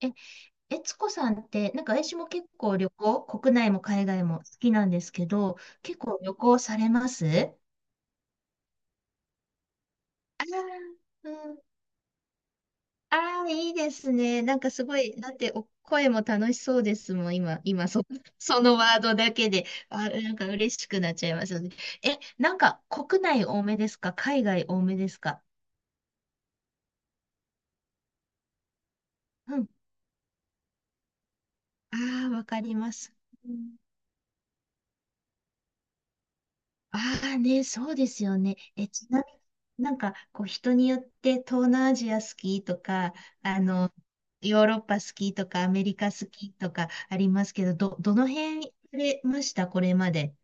え、えつこさんって、なんか私も結構旅行、国内も海外も好きなんですけど、結構旅行されます？ああー、うん。ああ、いいですね。なんかすごい、だってお声も楽しそうですもん、今、そのワードだけで、なんか嬉しくなっちゃいますよね。なんか国内多めですか？海外多めですか？うん。ああ、わかります。ああね、そうですよね。ちなみになんか、こう、人によって東南アジア好きとか、あの、ヨーロッパ好きとか、アメリカ好きとかありますけど、どの辺行かれましたこれまで？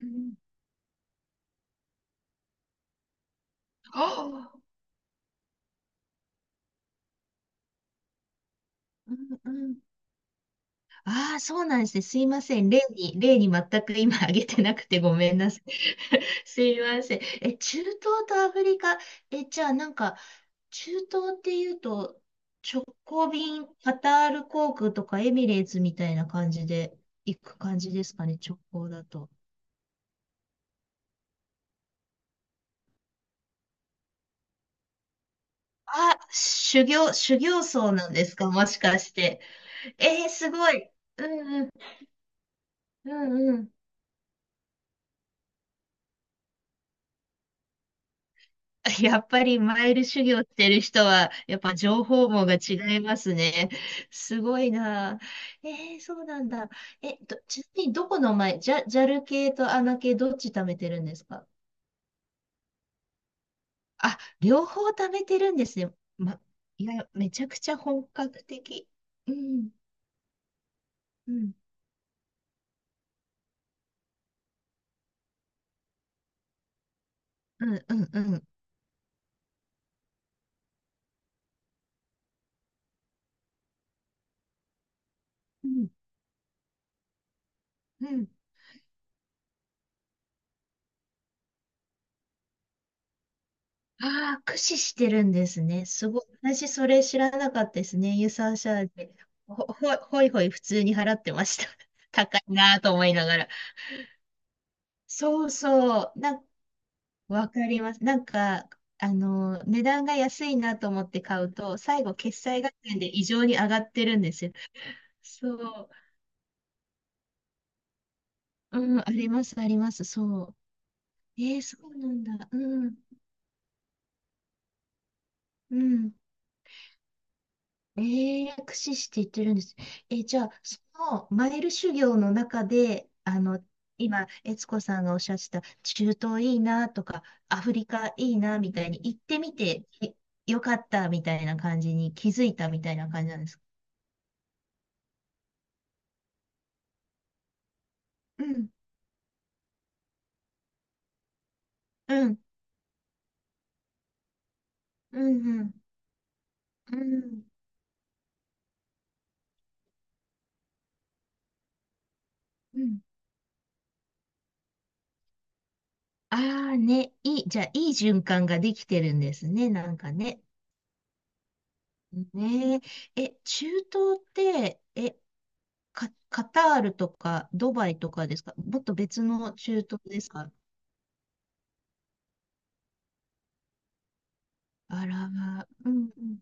うん。ああ、うんうん。ああ、そうなんですね。すいません。例に全く今挙げてなくてごめんなさい。すいません。中東とアフリカ、え、じゃあなんか、中東っていうと、直行便、カタール航空とかエミレーツみたいな感じで行く感じですかね、直行だと。あ、修行僧なんですか、もしかして？えーすごい。うんうん、うんうん。やっぱりマイル修行してる人は、やっぱ情報網が違いますね。すごいな。えー、そうなんだ。ちなみにどこのマイ、ジャ、ジャル系とアナ系どっち貯めてるんですか？あ、両方貯めてるんですね。ま、いや、めちゃくちゃ本格的。うん、うん、うん、うん、うん、うん、うん。ああ、駆使してるんですね。すごい。私、それ知らなかったですね。ユーサーシャーで。ほいほい普通に払ってました。高いなぁと思いながら。そうそう。わかります。なんか、値段が安いなと思って買うと、最後、決済合戦で異常に上がってるんですよ。そう。うん、あります、あります。そう。えー、そうなんだ。うん、うん。ええ駆使していってるんです。じゃあ、そのマイル修行の中で、今、悦子さんがおっしゃってた、中東いいなとか、アフリカいいなみたいに行ってみて、えよかったみたいな感じに気づいたみたいな感じなんですか？うん、うん、うん、うん、うん、うん。ああね、いい、じゃあ、いい循環ができてるんですね、なんかね。ねえ、中東って、カタールとかドバイとかですか？もっと別の中東ですか？あらまあ、うんうん、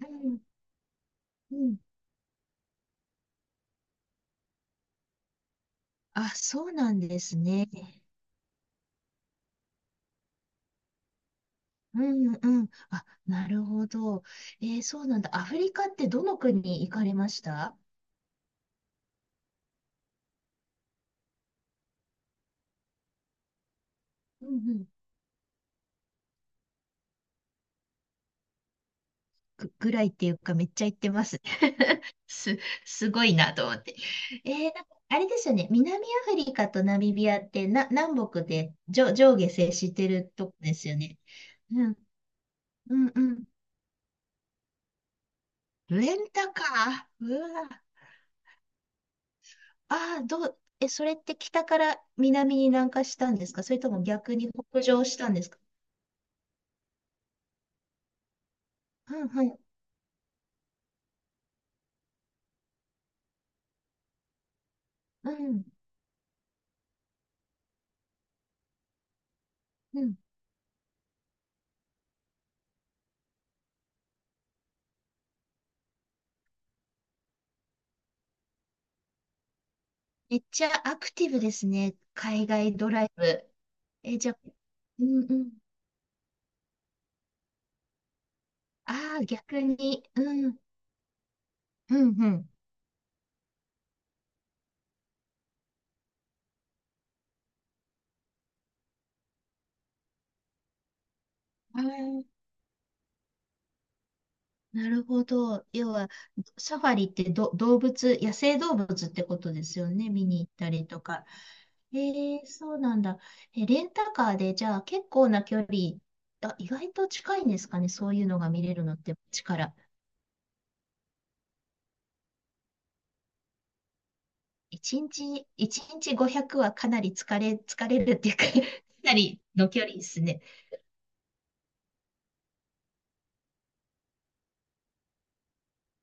うんうん。あ、そうなんですね。うんうん。あ、なるほど。えーそうなんだ。アフリカってどの国に行かれました？うんうん。ぐらいっていうかめっちゃ行ってます。す、すごいなと思って。えー、なんかあれですよね。南アフリカとナミビアって南北で上下接してるとこですよね。うんうん。レンタカー。うわ。ああ、どう、え、それって北から南に南下したんですか？それとも逆に北上したんですか？うんはい。うん。うん。めっちゃアクティブですね。海外ドライブ。え、じゃあ、うんうん。ああ、逆に。うん。うんうん。あーなるほど。要は、サファリってど、動物、野生動物ってことですよね。見に行ったりとか。ええそうなんだ。レンタカーで、じゃあ結構な距離、あ、意外と近いんですかね、そういうのが見れるのって、力。1日、一日500はかなり疲れ、疲れるっていうか かなりの距離ですね。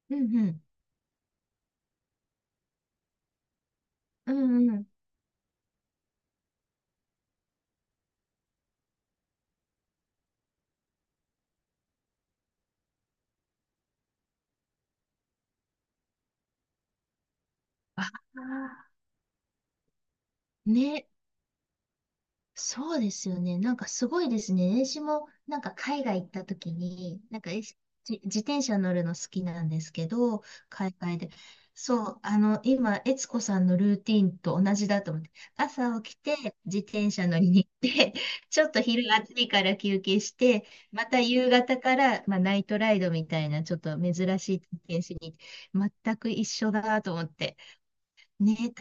うんうん。うんうん。ああ、ね、そうですよね。なんかすごいですね。私もなんか海外行った時に、なんかえしじ自転車乗るの好きなんですけど、海外で。そう、今、悦子さんのルーティンと同じだと思って、朝起きて自転車乗りに行って、ちょっと昼暑いから休憩して、また夕方から、まあ、ナイトライドみたいなちょっと珍しい体験しに行って、全く一緒だと思って。ね、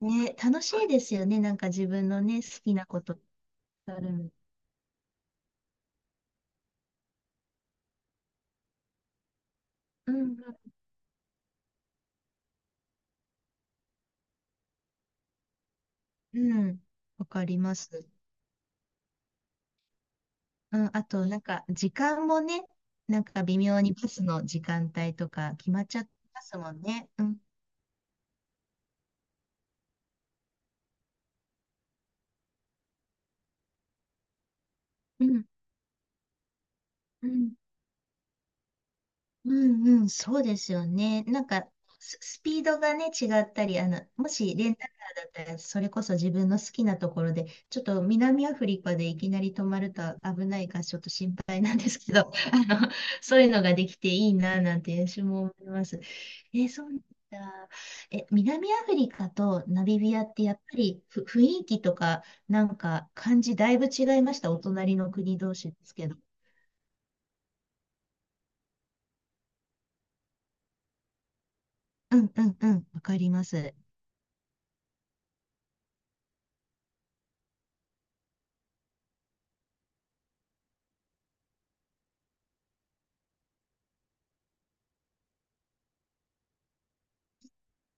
ね、楽しいですよね。なんか自分のね、好きなこと。ある。うん、うん。わかります。うん、あと、なんか、時間もね、なんか微妙にバスの時間帯とか決まっちゃってますもんね。うん。うん、うん。うんうん、そうですよね。なんか、スピードがね、違ったり、もしレンタカーだったら、それこそ自分の好きなところで、ちょっと南アフリカでいきなり止まると危ないから、ちょっと心配なんですけど、そういうのができていいな、なんて私も思います。え、そうなんだ。南アフリカとナミビアって、やっぱり雰囲気とか、なんか、感じ、だいぶ違いました？お隣の国同士ですけど。うんうんうん、わかります。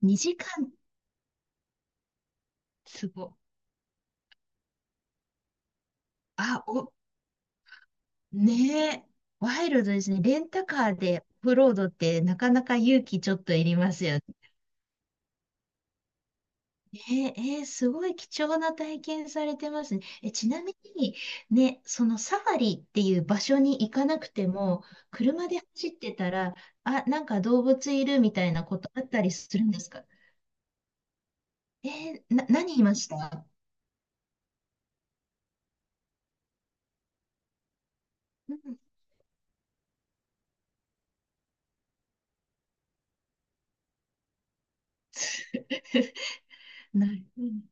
2時間すご。あ、お、ねえ。ワイルドですね。レンタカーでオフロードってなかなか勇気ちょっといりますよね。ねえ、えーすごい貴重な体験されてますね。ちなみに、ね、そのサファリっていう場所に行かなくても、車で走ってたら、あ、なんか動物いるみたいなことあったりするんですか？えーな、何いました？うん。ない。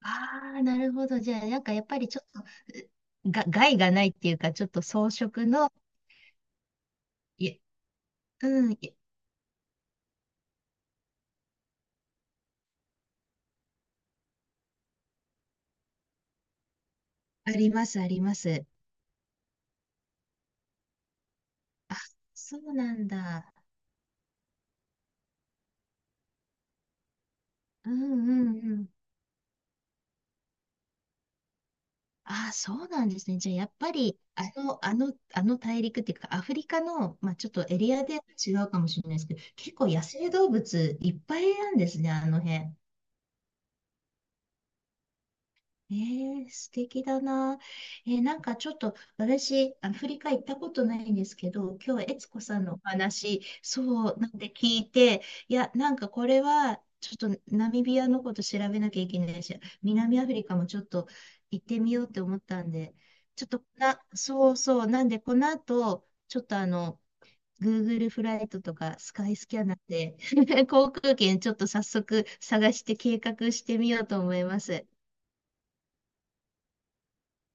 ああ、なるほど。じゃあ、なんかやっぱりちょっと、害がないっていうか、ちょっと装飾の、い、うん、いあります、あります。そうなんだ。うんうんうん。ああ、そうなんですね。じゃあ、やっぱり、あの大陸っていうか、アフリカの、まあ、ちょっとエリアで違うかもしれないですけど、結構野生動物いっぱいなんですね、あの辺。えー、素敵だな。えーなんかちょっと私、アフリカ行ったことないんですけど、今日、悦子さんのお話、そうなんで聞いて、いや、なんかこれは、ちょっとナミビアのこと調べなきゃいけないし、南アフリカもちょっと行ってみようって思ったんで、ちょっとな、そうそう、なんでこの後、ちょっとGoogle フライトとかスカイスキャナーで 航空券ちょっと早速探して計画してみようと思います。